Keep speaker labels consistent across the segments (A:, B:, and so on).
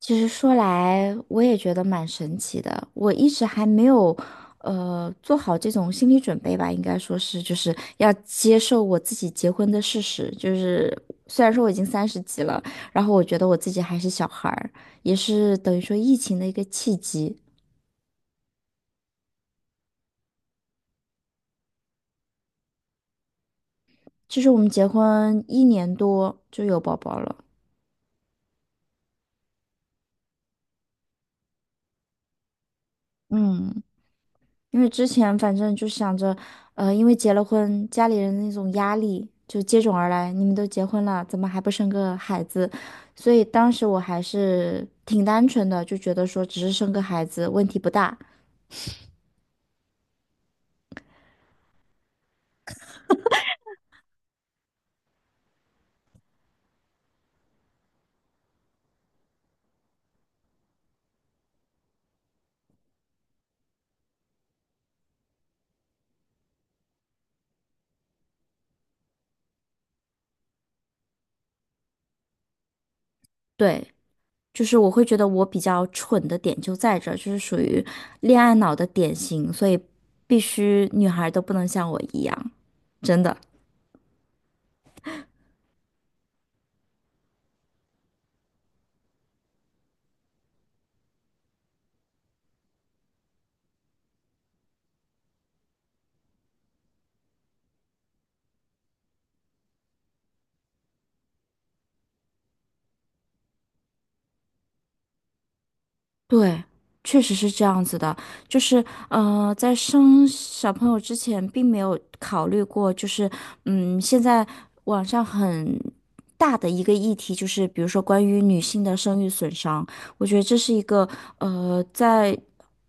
A: 其实说来，我也觉得蛮神奇的。我一直还没有，做好这种心理准备吧，应该说是，就是要接受我自己结婚的事实。就是虽然说我已经三十几了，然后我觉得我自己还是小孩儿，也是等于说疫情的一个契机。就是我们结婚1年多就有宝宝了，嗯。因为之前反正就想着，因为结了婚，家里人的那种压力就接踵而来。你们都结婚了，怎么还不生个孩子？所以当时我还是挺单纯的，就觉得说只是生个孩子问题不大。对，就是我会觉得我比较蠢的点就在这儿，就是属于恋爱脑的典型，所以必须女孩都不能像我一样，真的。对，确实是这样子的，就是在生小朋友之前，并没有考虑过，就是现在网上很大的一个议题，就是比如说关于女性的生育损伤，我觉得这是一个在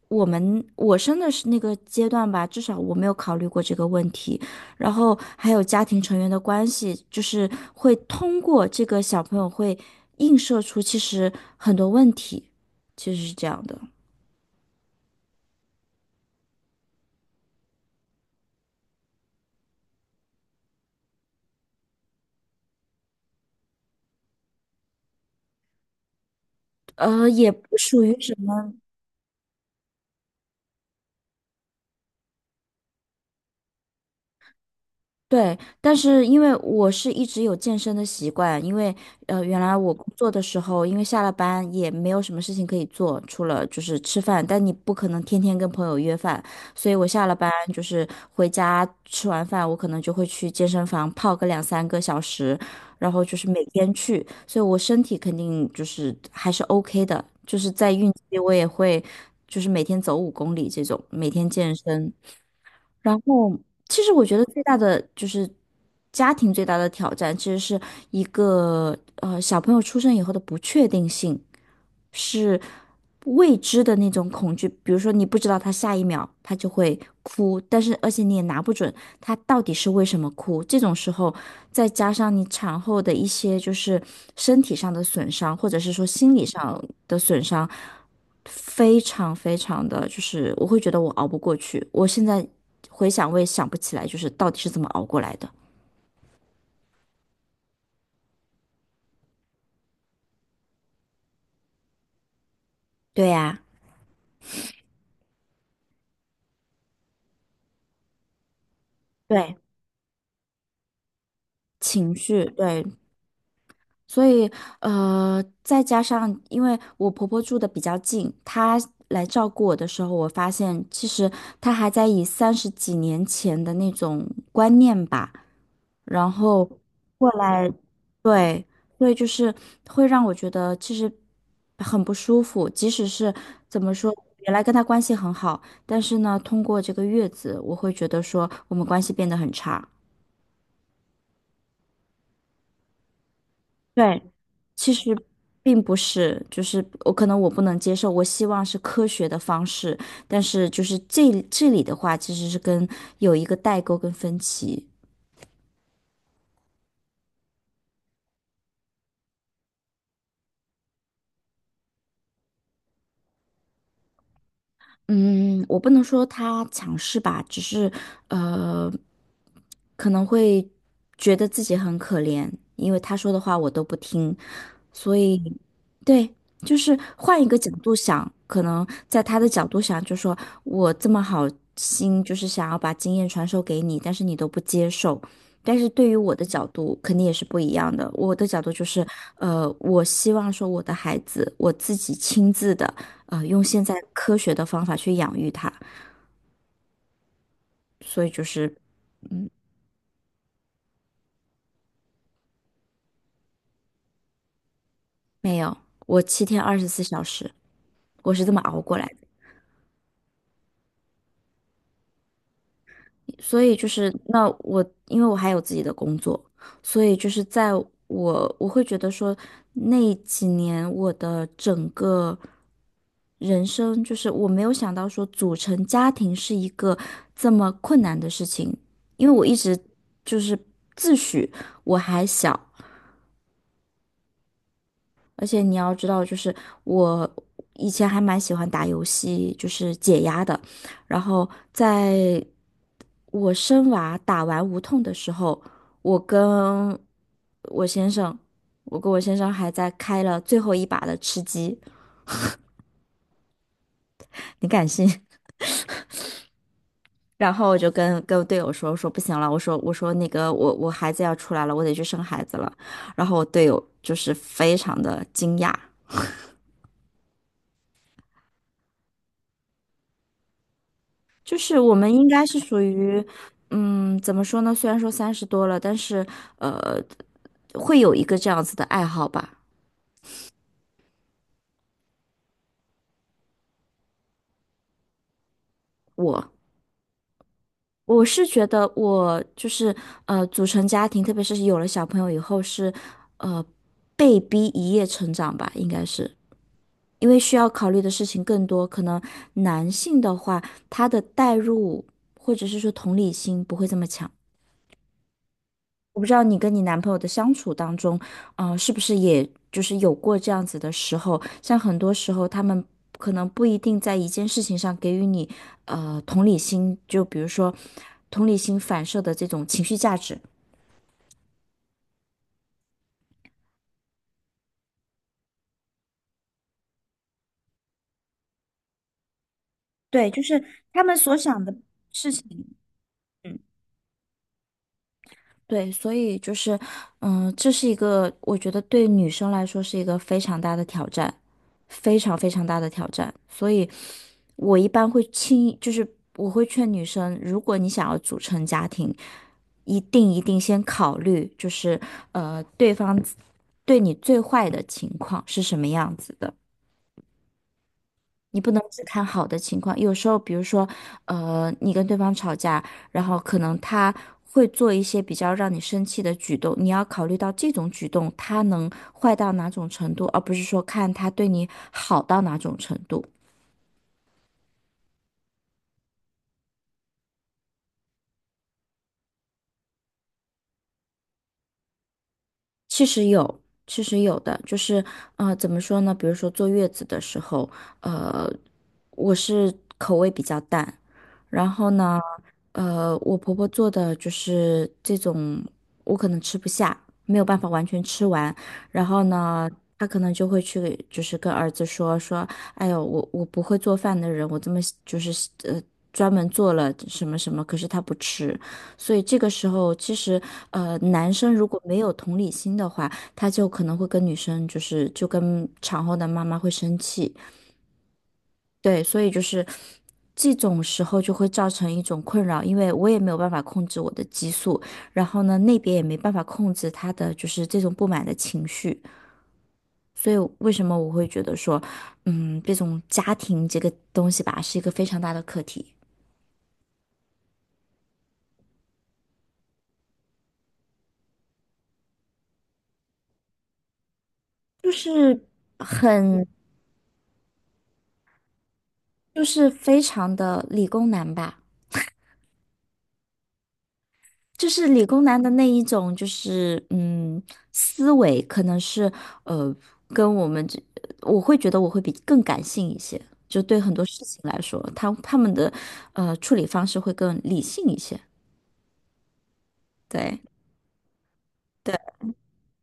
A: 我生的是那个阶段吧，至少我没有考虑过这个问题，然后还有家庭成员的关系，就是会通过这个小朋友会映射出其实很多问题。其实是这样的，也不属于什么，对，但是因为我是一直有健身的习惯，因为原来我工作的时候，因为下了班也没有什么事情可以做，除了就是吃饭，但你不可能天天跟朋友约饭，所以我下了班就是回家吃完饭，我可能就会去健身房泡个2、3个小时，然后就是每天去，所以我身体肯定就是还是 OK 的，就是在孕期我也会就是每天走5公里这种，每天健身。然后，其实我觉得最大的就是家庭最大的挑战，其实是一个小朋友出生以后的不确定性。是未知的那种恐惧，比如说你不知道他下一秒他就会哭，但是而且你也拿不准他到底是为什么哭。这种时候，再加上你产后的一些就是身体上的损伤，或者是说心理上的损伤，非常非常的就是我会觉得我熬不过去。我现在回想，我也想不起来就是到底是怎么熬过来的。对呀。对，情绪，对，所以，再加上因为我婆婆住的比较近，她来照顾我的时候，我发现其实她还在以30几年前的那种观念吧，然后过来，对，所以就是会让我觉得其实很不舒服。即使是怎么说，原来跟她关系很好，但是呢，通过这个月子，我会觉得说我们关系变得很差。对，其实并不是，就是我可能我不能接受，我希望是科学的方式，但是就是这里的话，其实是跟有一个代沟跟分歧。嗯，我不能说他强势吧，只是呃，可能会觉得自己很可怜，因为他说的话我都不听，所以，对，就是换一个角度想，可能在他的角度想，就说我这么好心，就是想要把经验传授给你，但是你都不接受。但是对于我的角度，肯定也是不一样的。我的角度就是，我希望说我的孩子，我自己亲自的，用现在科学的方法去养育他。所以就是没有，我7天24小时，我是这么熬过来。所以就是那我，因为我还有自己的工作，所以就是在我会觉得说，那几年我的整个人生，就是我没有想到说组成家庭是一个这么困难的事情，因为我一直就是自诩我还小，而且你要知道，就是我以前还蛮喜欢打游戏，就是解压的。然后在我生娃打完无痛的时候，我跟我先生，我跟我先生还在开了最后一把的吃鸡，你敢信？然后我就跟队友说，我说不行了，我说那个我孩子要出来了，我得去生孩子了。然后我队友就是非常的惊讶，就是我们应该是属于，怎么说呢？虽然说三十多了，但是呃，会有一个这样子的爱好吧。我我是觉得我就是组成家庭，特别是有了小朋友以后是，呃，被逼一夜成长吧，应该是。因为需要考虑的事情更多，可能男性的话，他的代入或者是说同理心不会这么强。我不知道你跟你男朋友的相处当中，是不是也就是有过这样子的时候？像很多时候，他们可能不一定在一件事情上给予你同理心，就比如说同理心反射的这种情绪价值。对，就是他们所想的事情。对，所以就是，这是一个我觉得对女生来说是一个非常大的挑战，非常非常大的挑战。所以，我一般会轻易，就是我会劝女生，如果你想要组成家庭，一定一定先考虑，就是对方对你最坏的情况是什么样子的。你不能只看好的情况，有时候，比如说，你跟对方吵架，然后可能他会做一些比较让你生气的举动，你要考虑到这种举动他能坏到哪种程度，而不是说看他对你好到哪种程度。其实有，其实有的，就是怎么说呢？比如说坐月子的时候，呃，我是口味比较淡，然后呢，我婆婆做的就是这种，我可能吃不下，没有办法完全吃完，然后呢。她可能就会去，就是跟儿子说说，哎呦，我不会做饭的人，我这么就是呃专门做了什么什么，可是他不吃，所以这个时候，其实男生如果没有同理心的话，他就可能会跟女生就是就跟产后的妈妈会生气。对，所以就是这种时候就会造成一种困扰，因为我也没有办法控制我的激素，然后呢，那边也没办法控制他的就是这种不满的情绪。所以为什么我会觉得说，这种家庭这个东西吧，是一个非常大的课题，就是很就是非常的理工男吧。就是理工男的那一种，就是思维可能是呃，跟我们这，我会觉得我会比更感性一些，就对很多事情来说，他们的处理方式会更理性一些，对对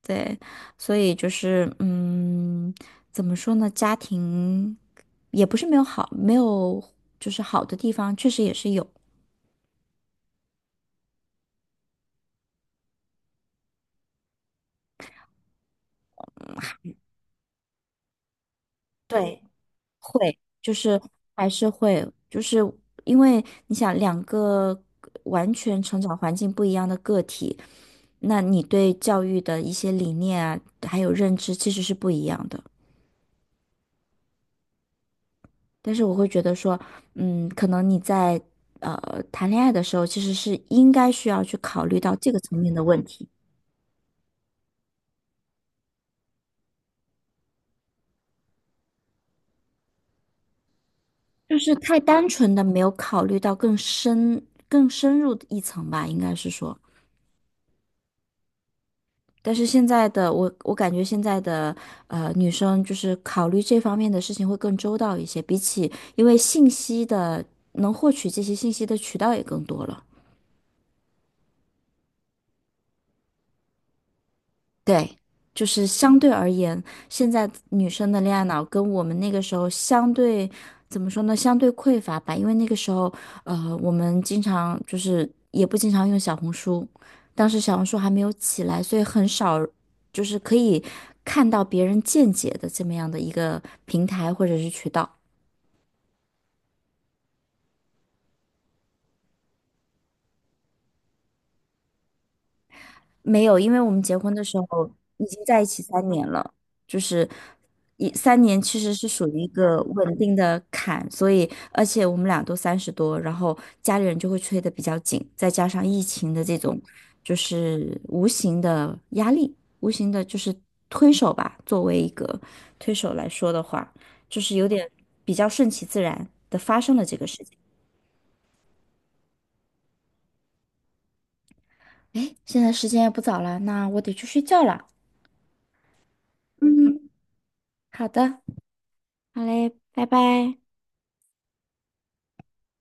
A: 对，所以就是怎么说呢，家庭也不是没有好，没有就是好的地方，确实也是有，对。会，就是还是会，就是因为你想两个完全成长环境不一样的个体，那你对教育的一些理念啊，还有认知其实是不一样的。但是我会觉得说，可能你在谈恋爱的时候，其实是应该需要去考虑到这个层面的问题，就是太单纯的没有考虑到更深、更深入一层吧，应该是说。但是现在的我，我感觉现在的女生就是考虑这方面的事情会更周到一些，比起因为信息的能获取这些信息的渠道也更多了。对，就是相对而言，现在女生的恋爱脑跟我们那个时候相对，怎么说呢？相对匮乏吧，因为那个时候，我们经常就是也不经常用小红书，当时小红书还没有起来，所以很少就是可以看到别人见解的这么样的一个平台或者是渠道。没有，因为我们结婚的时候已经在一起三年了，就是1、3年其实是属于一个稳定的坎，所以而且我们俩都三十多，然后家里人就会催得比较紧，再加上疫情的这种就是无形的压力，无形的就是推手吧，作为一个推手来说的话，就是有点比较顺其自然的发生了这个事情。哎，现在时间也不早了，那我得去睡觉了。嗯，好的。好嘞，拜拜。